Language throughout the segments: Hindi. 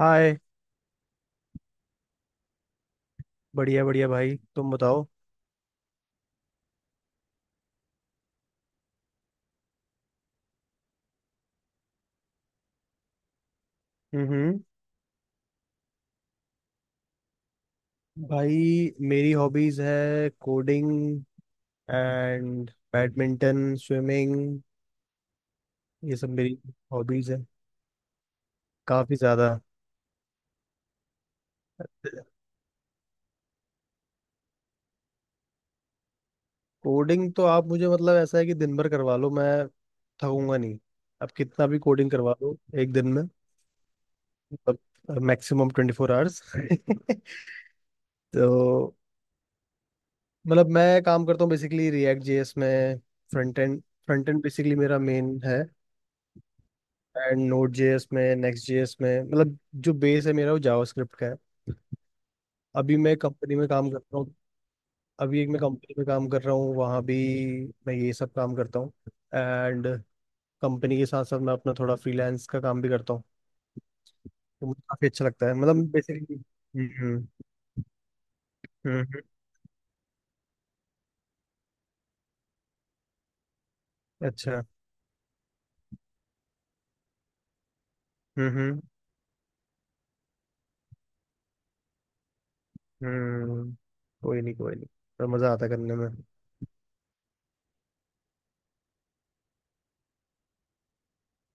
हाय। बढ़िया बढ़िया भाई, तुम बताओ। हम्म। भाई, मेरी हॉबीज है कोडिंग एंड बैडमिंटन, स्विमिंग। ये सब मेरी हॉबीज है, काफी ज्यादा। कोडिंग तो आप मुझे मतलब ऐसा है कि दिन भर करवा लो, मैं थकूंगा नहीं। आप कितना भी कोडिंग करवा लो एक दिन में, मतलब मैक्सिमम 24 आवर्स तो मतलब मैं काम करता हूँ बेसिकली रिएक्ट JS में, front end. Front end basically मेरा मेन है एंड नोड JS में, नेक्स्ट JS में, मतलब जो बेस है मेरा वो जावास्क्रिप्ट का है। अभी मैं कंपनी में काम कर रहा हूँ। अभी एक मैं कंपनी में काम कर रहा हूँ, वहाँ भी मैं ये सब काम करता हूँ। एंड कंपनी के साथ साथ मैं अपना थोड़ा फ्रीलांस का काम भी करता हूँ। तो मुझे काफ़ी अच्छा लगता है, मतलब बेसिकली। हम्म। अच्छा। हम्म हम्म हम्म। कोई नहीं कोई नहीं, पर मज़ा आता है करने में।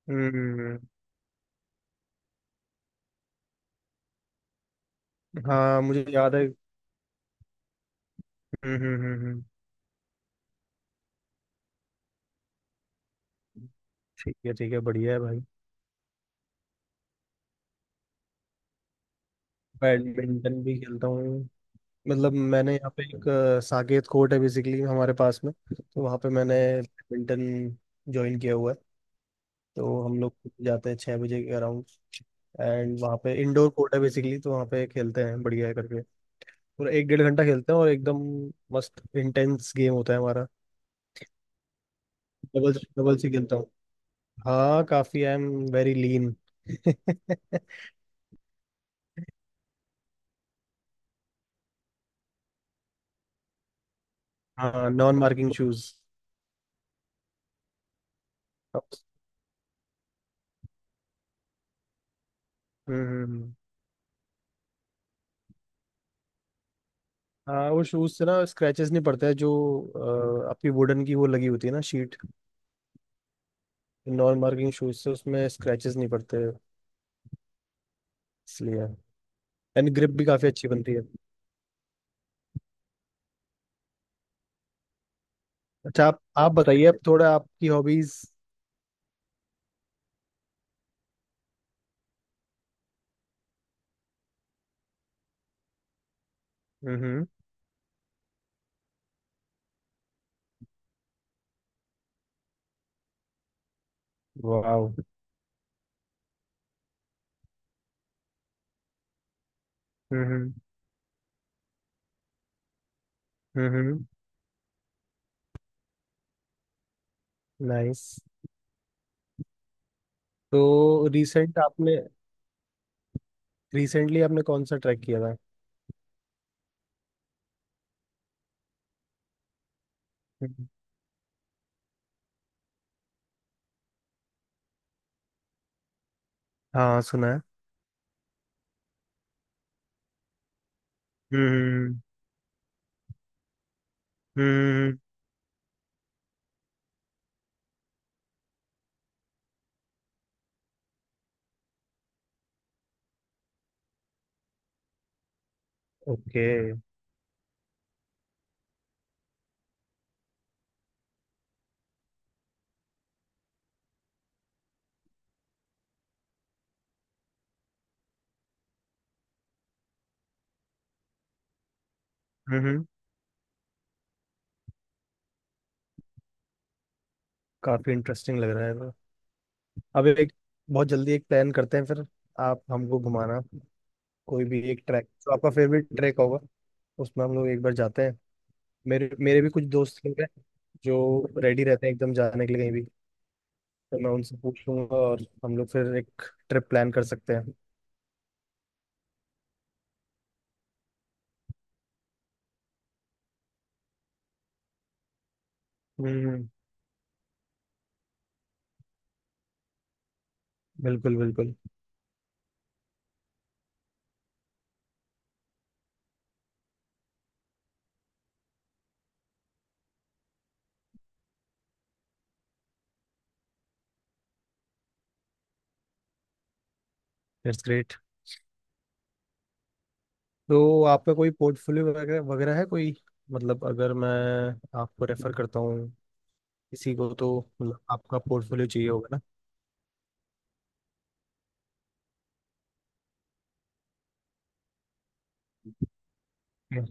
हम्म। हाँ मुझे याद है। हम्म। ठीक है ठीक है, बढ़िया है भाई। बैडमिंटन भी खेलता हूँ। मतलब मैंने यहाँ पे एक साकेत कोर्ट है बेसिकली हमारे पास में, तो वहाँ पे मैंने बैडमिंटन ज्वाइन किया हुआ है। तो हम लोग जाते हैं 6 बजे के अराउंड, एंड वहाँ पे इंडोर कोर्ट है बेसिकली, तो वहाँ पे खेलते हैं बढ़िया करके। पूरा एक डेढ़ घंटा खेलते हैं और एकदम मस्त इंटेंस गेम होता है हमारा। डबल डबल से खेलता हूँ। हाँ, काफ़ी आई एम वेरी लीन हाँ, नॉन मार्किंग शूज। हम्म हम्म। हाँ, वो शूज से ना स्क्रैचेस नहीं पड़ते हैं, जो आपकी वुडन की वो लगी होती है ना, शीट। नॉन मार्किंग शूज से उसमें स्क्रैचेस नहीं पड़ते, इसलिए। एंड ग्रिप भी काफी अच्छी बनती है। अच्छा, आप बताइए अब थोड़ा आपकी हॉबीज। हम्म। वाओ। हम्म हम्म। नाइस। तो रिसेंट आपने, रिसेंटली आपने कौन सा ट्रैक किया था। हम्म। हाँ सुना है। हम्म हम्म। ओके। हम्म। काफी इंटरेस्टिंग लग रहा है। अब एक बहुत जल्दी एक प्लान करते हैं, फिर आप हमको घुमाना कोई भी एक ट्रैक जो आपका फेवरेट ट्रैक होगा, उसमें हम लोग एक बार जाते हैं। मेरे मेरे भी कुछ दोस्त लोग हैं जो रेडी रहते हैं एकदम जाने के लिए कहीं भी। तो मैं उनसे पूछ लूंगा और हम लोग फिर एक ट्रिप प्लान कर सकते हैं। हम्म। बिल्कुल बिल्कुल। That's great. तो आपका कोई पोर्टफोलियो वगैरह वगैरह है कोई, मतलब अगर मैं आपको रेफर करता हूँ किसी को तो, मतलब आपका पोर्टफोलियो चाहिए होगा ना।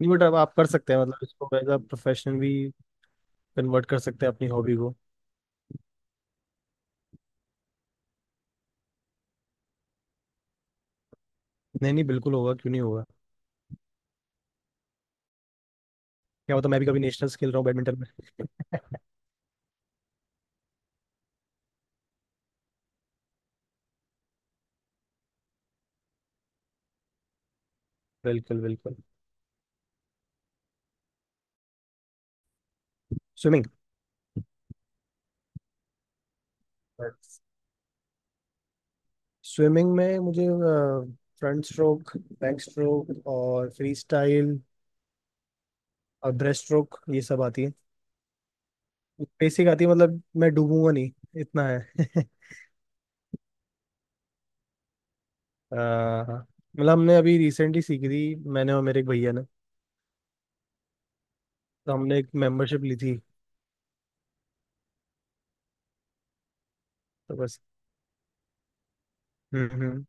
नहीं, बट अब आप कर सकते हैं, मतलब इसको एज अ प्रोफेशन भी कन्वर्ट कर सकते हैं अपनी हॉबी को। नहीं नहीं, बिल्कुल होगा, क्यों नहीं होगा। क्या होता, मैं भी कभी नेशनल खेल रहा हूँ बैडमिंटन में। बिल्कुल बिल्कुल। स्विमिंग। स्विमिंग में मुझे फ्रंट स्ट्रोक, बैक स्ट्रोक और फ्री स्टाइल और ब्रेस्ट स्ट्रोक, ये सब आती है। बेसिक आती है, मतलब मैं डूबूंगा नहीं इतना है अ, मतलब हमने अभी रिसेंटली सीखी थी मैंने और मेरे एक भैया ने। तो हमने एक मेंबरशिप ली थी। तो बस। हम्म हम्म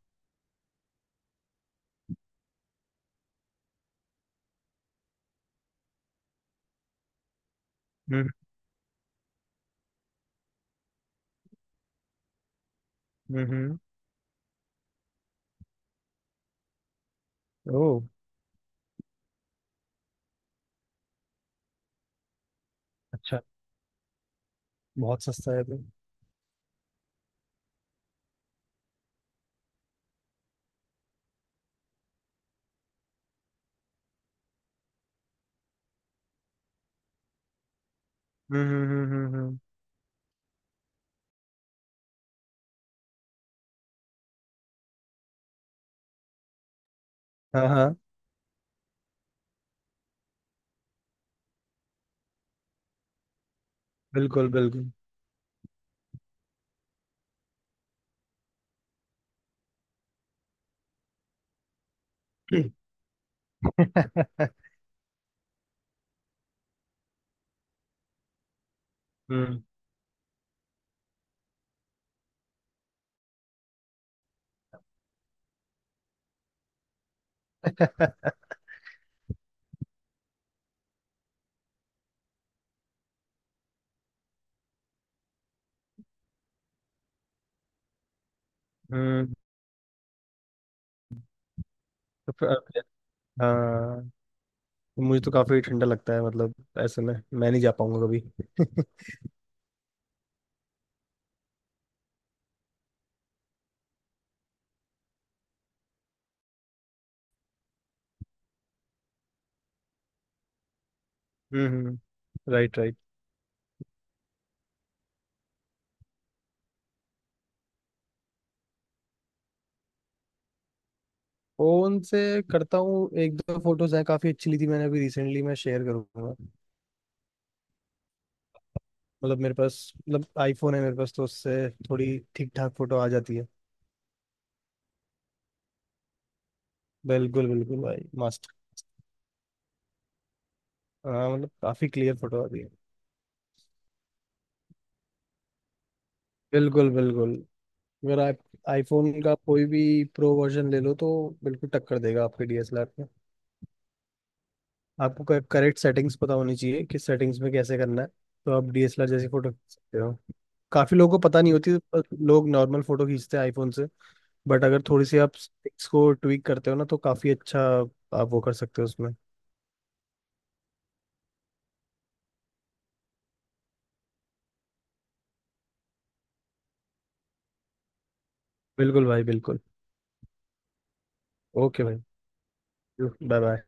हम्म हम्म हम्म। ओह। अच्छा। बहुत सस्ता है भाई। हम्म हम्म हम्म हम्म, हम्म। हाँ हाँ। बिल्कुल बिल्कुल हम्म हम्म। तो फिर- फिर- हाँ, तो मुझे तो काफी ठंडा लगता है, मतलब ऐसे में मैं नहीं जा पाऊंगा कभी हम्म। Right right. फोन से करता हूँ, एक दो फोटोज हैं काफी अच्छी ली थी मैंने अभी रिसेंटली, मैं शेयर करूंगा। मतलब मेरे पास मतलब आईफोन है मेरे पास, तो उससे थोड़ी ठीक ठाक फोटो आ जाती है। बिल्कुल बिल्कुल भाई, मस्त। हाँ, मतलब काफी क्लियर फोटो आती है। बिल्कुल बिल्कुल। अगर आप आईफोन का कोई भी प्रो वर्जन ले लो, तो बिल्कुल टक्कर देगा आपके DSLR पे। आपको करेक्ट सेटिंग्स पता होनी चाहिए कि सेटिंग्स में कैसे करना है, तो आप DSLR जैसी फोटो खींच सकते हो। काफी लोगों को पता नहीं होती, पर लोग नॉर्मल फोटो खींचते हैं आईफोन से। बट अगर थोड़ी सी आप सेटिंग्स को ट्विक करते हो ना, तो काफी अच्छा आप वो कर सकते हो उसमें। बिल्कुल भाई बिल्कुल। ओके भाई। Bye bye.